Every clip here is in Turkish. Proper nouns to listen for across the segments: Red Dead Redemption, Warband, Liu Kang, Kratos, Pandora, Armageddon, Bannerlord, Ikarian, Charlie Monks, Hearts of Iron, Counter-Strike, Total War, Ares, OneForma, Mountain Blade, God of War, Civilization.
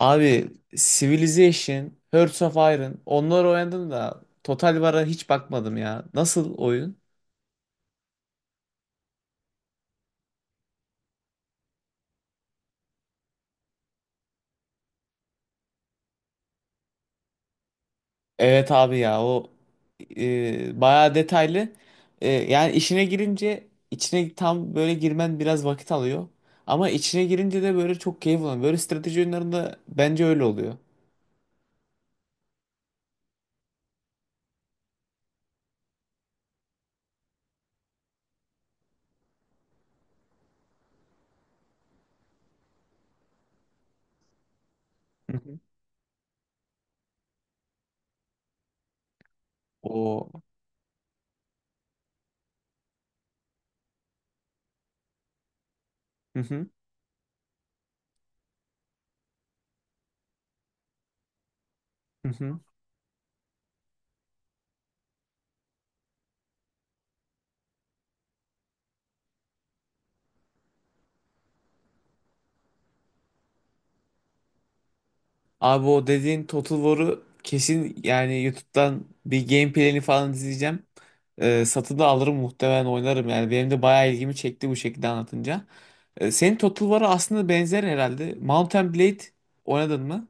Abi Civilization, Hearts of Iron onlar oynadım da Total War'a hiç bakmadım ya. Nasıl oyun? Evet abi ya o bayağı detaylı. Yani işine girince içine tam böyle girmen biraz vakit alıyor. Ama içine girince de böyle çok keyif alıyor. Böyle strateji oyunlarında bence öyle oluyor. Hı hı. O. Hı hı. Hı hı. Abi o dediğin Total War'u kesin yani YouTube'dan bir gameplay'ini falan izleyeceğim. Satın da alırım muhtemelen oynarım yani. Benim de bayağı ilgimi çekti bu şekilde anlatınca. Senin Total War'a aslında benzer herhalde. Mountain Blade oynadın mı?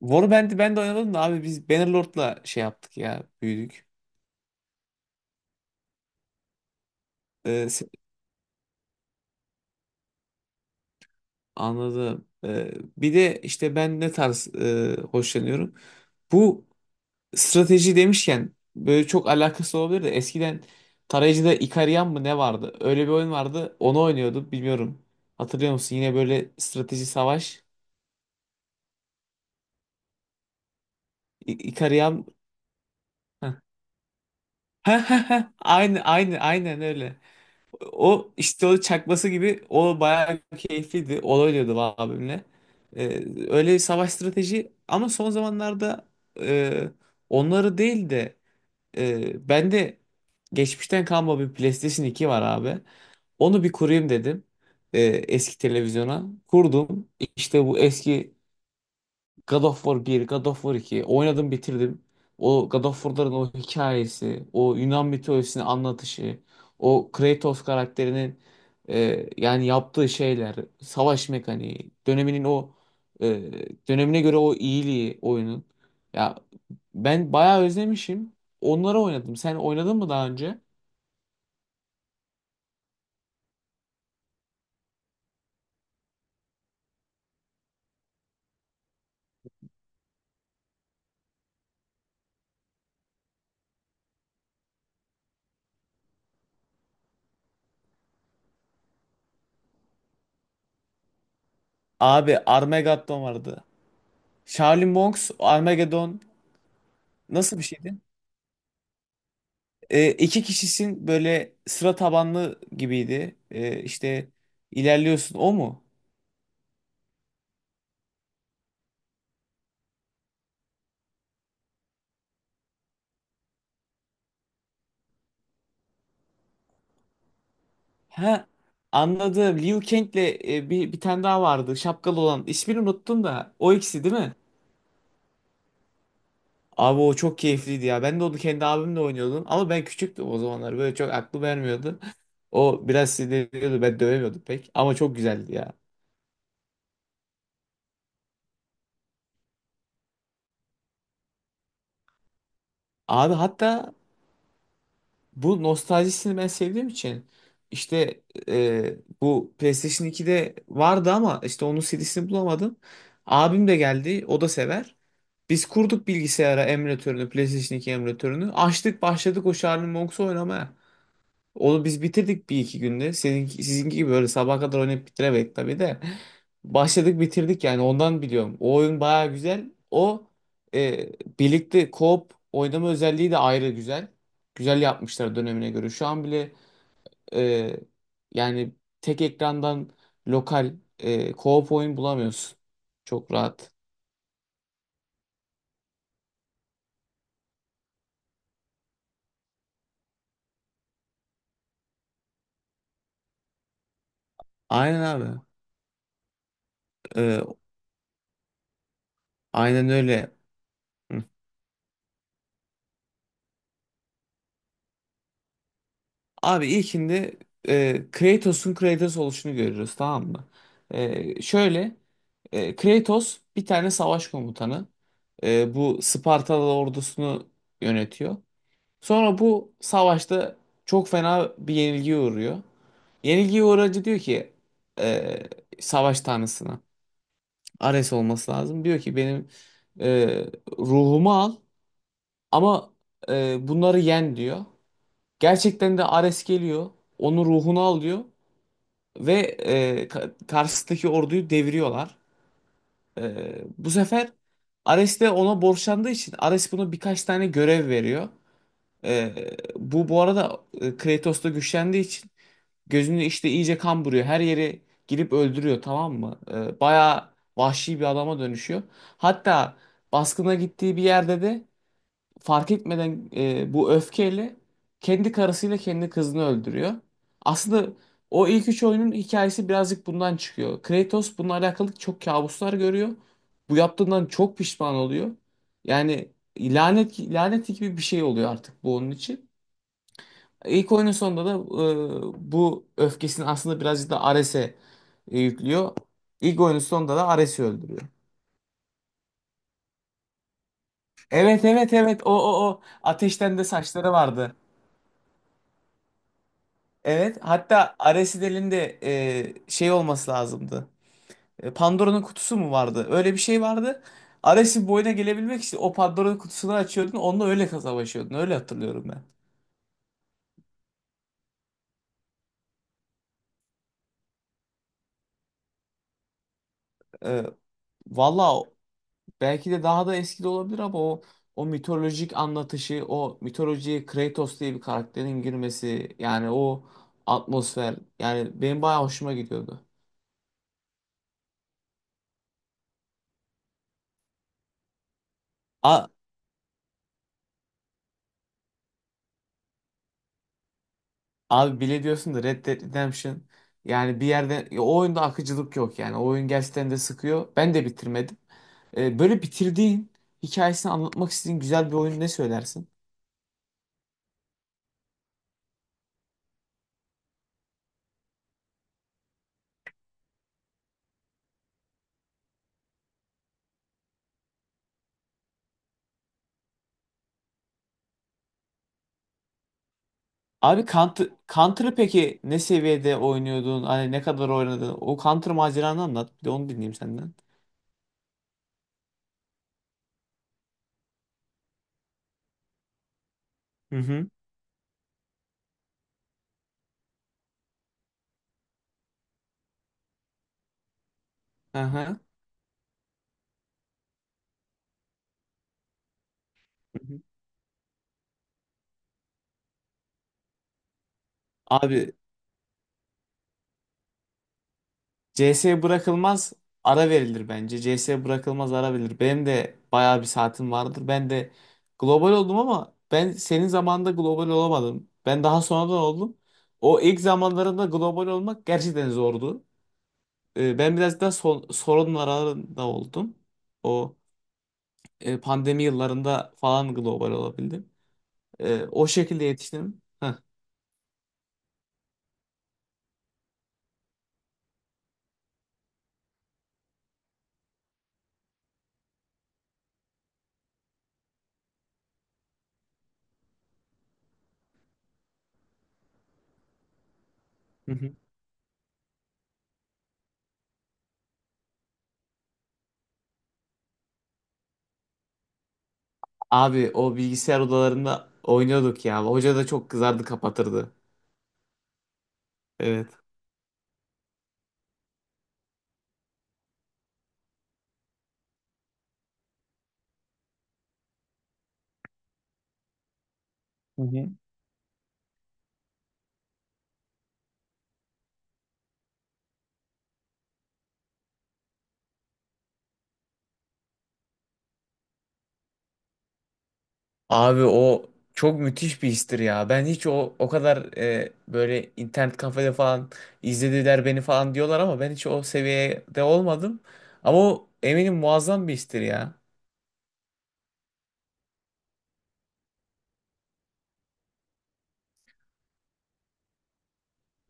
Warband'i ben de oynadım da abi biz Bannerlord'la şey yaptık ya büyüdük. Ee, se- Anladım. Bir de işte ben ne tarz hoşlanıyorum. Bu. Strateji demişken böyle çok alakası olabilir de eskiden tarayıcıda Ikarian mı ne vardı? Öyle bir oyun vardı. Onu oynuyordu. Bilmiyorum. Hatırlıyor musun? Yine böyle strateji savaş. Ikarian. Heh. Heh, heh, heh. Aynı aynı aynen öyle. O işte o çakması gibi o bayağı keyifliydi. O oynuyordu abimle. Ee, Öyle bir savaş strateji ama son zamanlarda e, onları değil de ben de geçmişten kalma bir PlayStation 2 var abi. Onu bir kurayım dedim. Eski televizyona. Kurdum. İşte bu eski God of War 1, God of War 2 oynadım bitirdim. O God of War'ların o hikayesi, o Yunan mitolojisini anlatışı, o Kratos karakterinin yani yaptığı şeyler, savaş mekaniği, döneminin o e, dönemine göre o iyiliği oyunun. Ya ben bayağı özlemişim. Onları oynadım. Sen oynadın mı daha önce? Abi Armageddon vardı. Charlie Monks, Armageddon nasıl bir şeydi? İki kişisin böyle sıra tabanlı gibiydi. İşte ilerliyorsun. O mu? Ha, anladım. Liu Kang'le bir tane daha vardı. Şapkalı olan. İsmini unuttum da. O ikisi değil mi? Abi o çok keyifliydi ya. Ben de onu kendi abimle oynuyordum. Ama ben küçüktüm o zamanlar. Böyle çok aklı vermiyordu. O biraz sinirleniyordu. Ben dövemiyordum pek. Ama çok güzeldi ya. Abi, hatta bu nostaljisini ben sevdiğim için işte, e, bu PlayStation 2'de vardı ama işte onun CD'sini bulamadım. Abim de geldi, o da sever. Biz kurduk bilgisayara emülatörünü, PlayStation 2 emülatörünü. Açtık, başladık o Charlie Monks'u oynamaya. Onu biz bitirdik bir iki günde. Senin, sizinki gibi böyle sabaha kadar oynayıp bitiremedik tabii de. Başladık bitirdik yani ondan biliyorum. O oyun baya güzel. O e, birlikte co-op oynama özelliği de ayrı güzel. Güzel yapmışlar dönemine göre. Şu an bile e, yani tek ekrandan lokal co-op oyun bulamıyorsun. Çok rahat. Aynen abi. E, aynen öyle. Abi ilkinde Kratos'un Kratos oluşunu görüyoruz, tamam mı? Şöyle Kratos bir tane savaş komutanı. Bu Spartalı ordusunu yönetiyor. Sonra bu savaşta çok fena bir yenilgiye uğruyor. Yenilgiye uğracı diyor ki e, savaş tanrısına, Ares olması lazım. Diyor ki benim e, ruhumu al ama bunları yen diyor. Gerçekten de Ares geliyor. Onun ruhunu al diyor. Ve karşısındaki orduyu deviriyorlar. Bu sefer Ares de ona borçlandığı için Ares buna birkaç tane görev veriyor. E, bu arada Kratos da güçlendiği için gözünü işte iyice kan buruyor. Her yeri girip öldürüyor, tamam mı? Bayağı vahşi bir adama dönüşüyor. Hatta baskına gittiği bir yerde de fark etmeden, bu öfkeyle kendi karısıyla kendi kızını öldürüyor. Aslında o ilk üç oyunun hikayesi birazcık bundan çıkıyor. Kratos bununla alakalı çok kabuslar görüyor. Bu yaptığından çok pişman oluyor. Yani lanet lanet gibi bir şey oluyor artık bu onun için. İlk oyunun sonunda da bu öfkesini aslında birazcık da Ares'e yüklüyor. İlk oyunun sonunda da Ares'i öldürüyor. Evet, evet, evet, o ateşten de saçları vardı. Evet. Hatta Aresidel'in de şey olması lazımdı. Pandora'nın kutusu mu vardı? Öyle bir şey vardı. Ares'in boyuna gelebilmek için o Pandora'nın kutusunu açıyordun. Onunla öyle savaşıyordun. Öyle hatırlıyorum ben. E, Valla belki de daha da eski de olabilir ama o mitolojik anlatışı, o mitolojiye Kratos diye bir karakterin girmesi yani o atmosfer, yani benim bayağı hoşuma gidiyordu. Abi, bile diyorsun da Red Dead Redemption, yani bir yerde ya, o oyunda akıcılık yok yani, o oyun gerçekten de sıkıyor. Ben de bitirmedim. Böyle bitirdiğin hikayesini anlatmak istediğin güzel bir oyun ne söylersin? Abi Counter'ı peki ne seviyede oynuyordun? Hani ne kadar oynadın? O Counter maceranı anlat. Bir de onu dinleyeyim senden. Hı hı. Aha. Hı hı. Abi CS bırakılmaz, ara verilir bence. CS bırakılmaz, ara verilir. Benim de bayağı bir saatim vardır. Ben de global oldum ama ben senin zamanında global olamadım. Ben daha sonradan oldum. O ilk zamanlarında global olmak gerçekten zordu. Ben biraz daha son, sorunun aralarında oldum. O pandemi yıllarında falan global olabildim. O şekilde yetiştim. Heh. Hı hı. Abi o bilgisayar odalarında oynuyorduk ya. Hoca da çok kızardı, kapatırdı. Evet. Abi o çok müthiş bir histir ya. Ben hiç o kadar böyle internet kafede falan izlediler beni falan diyorlar ama ben hiç o seviyede olmadım. Ama o eminim muazzam bir histir ya.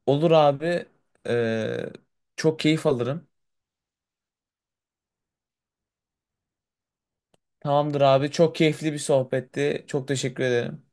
Olur abi. e, Çok keyif alırım. Tamamdır abi. Çok keyifli bir sohbetti. Çok teşekkür ederim.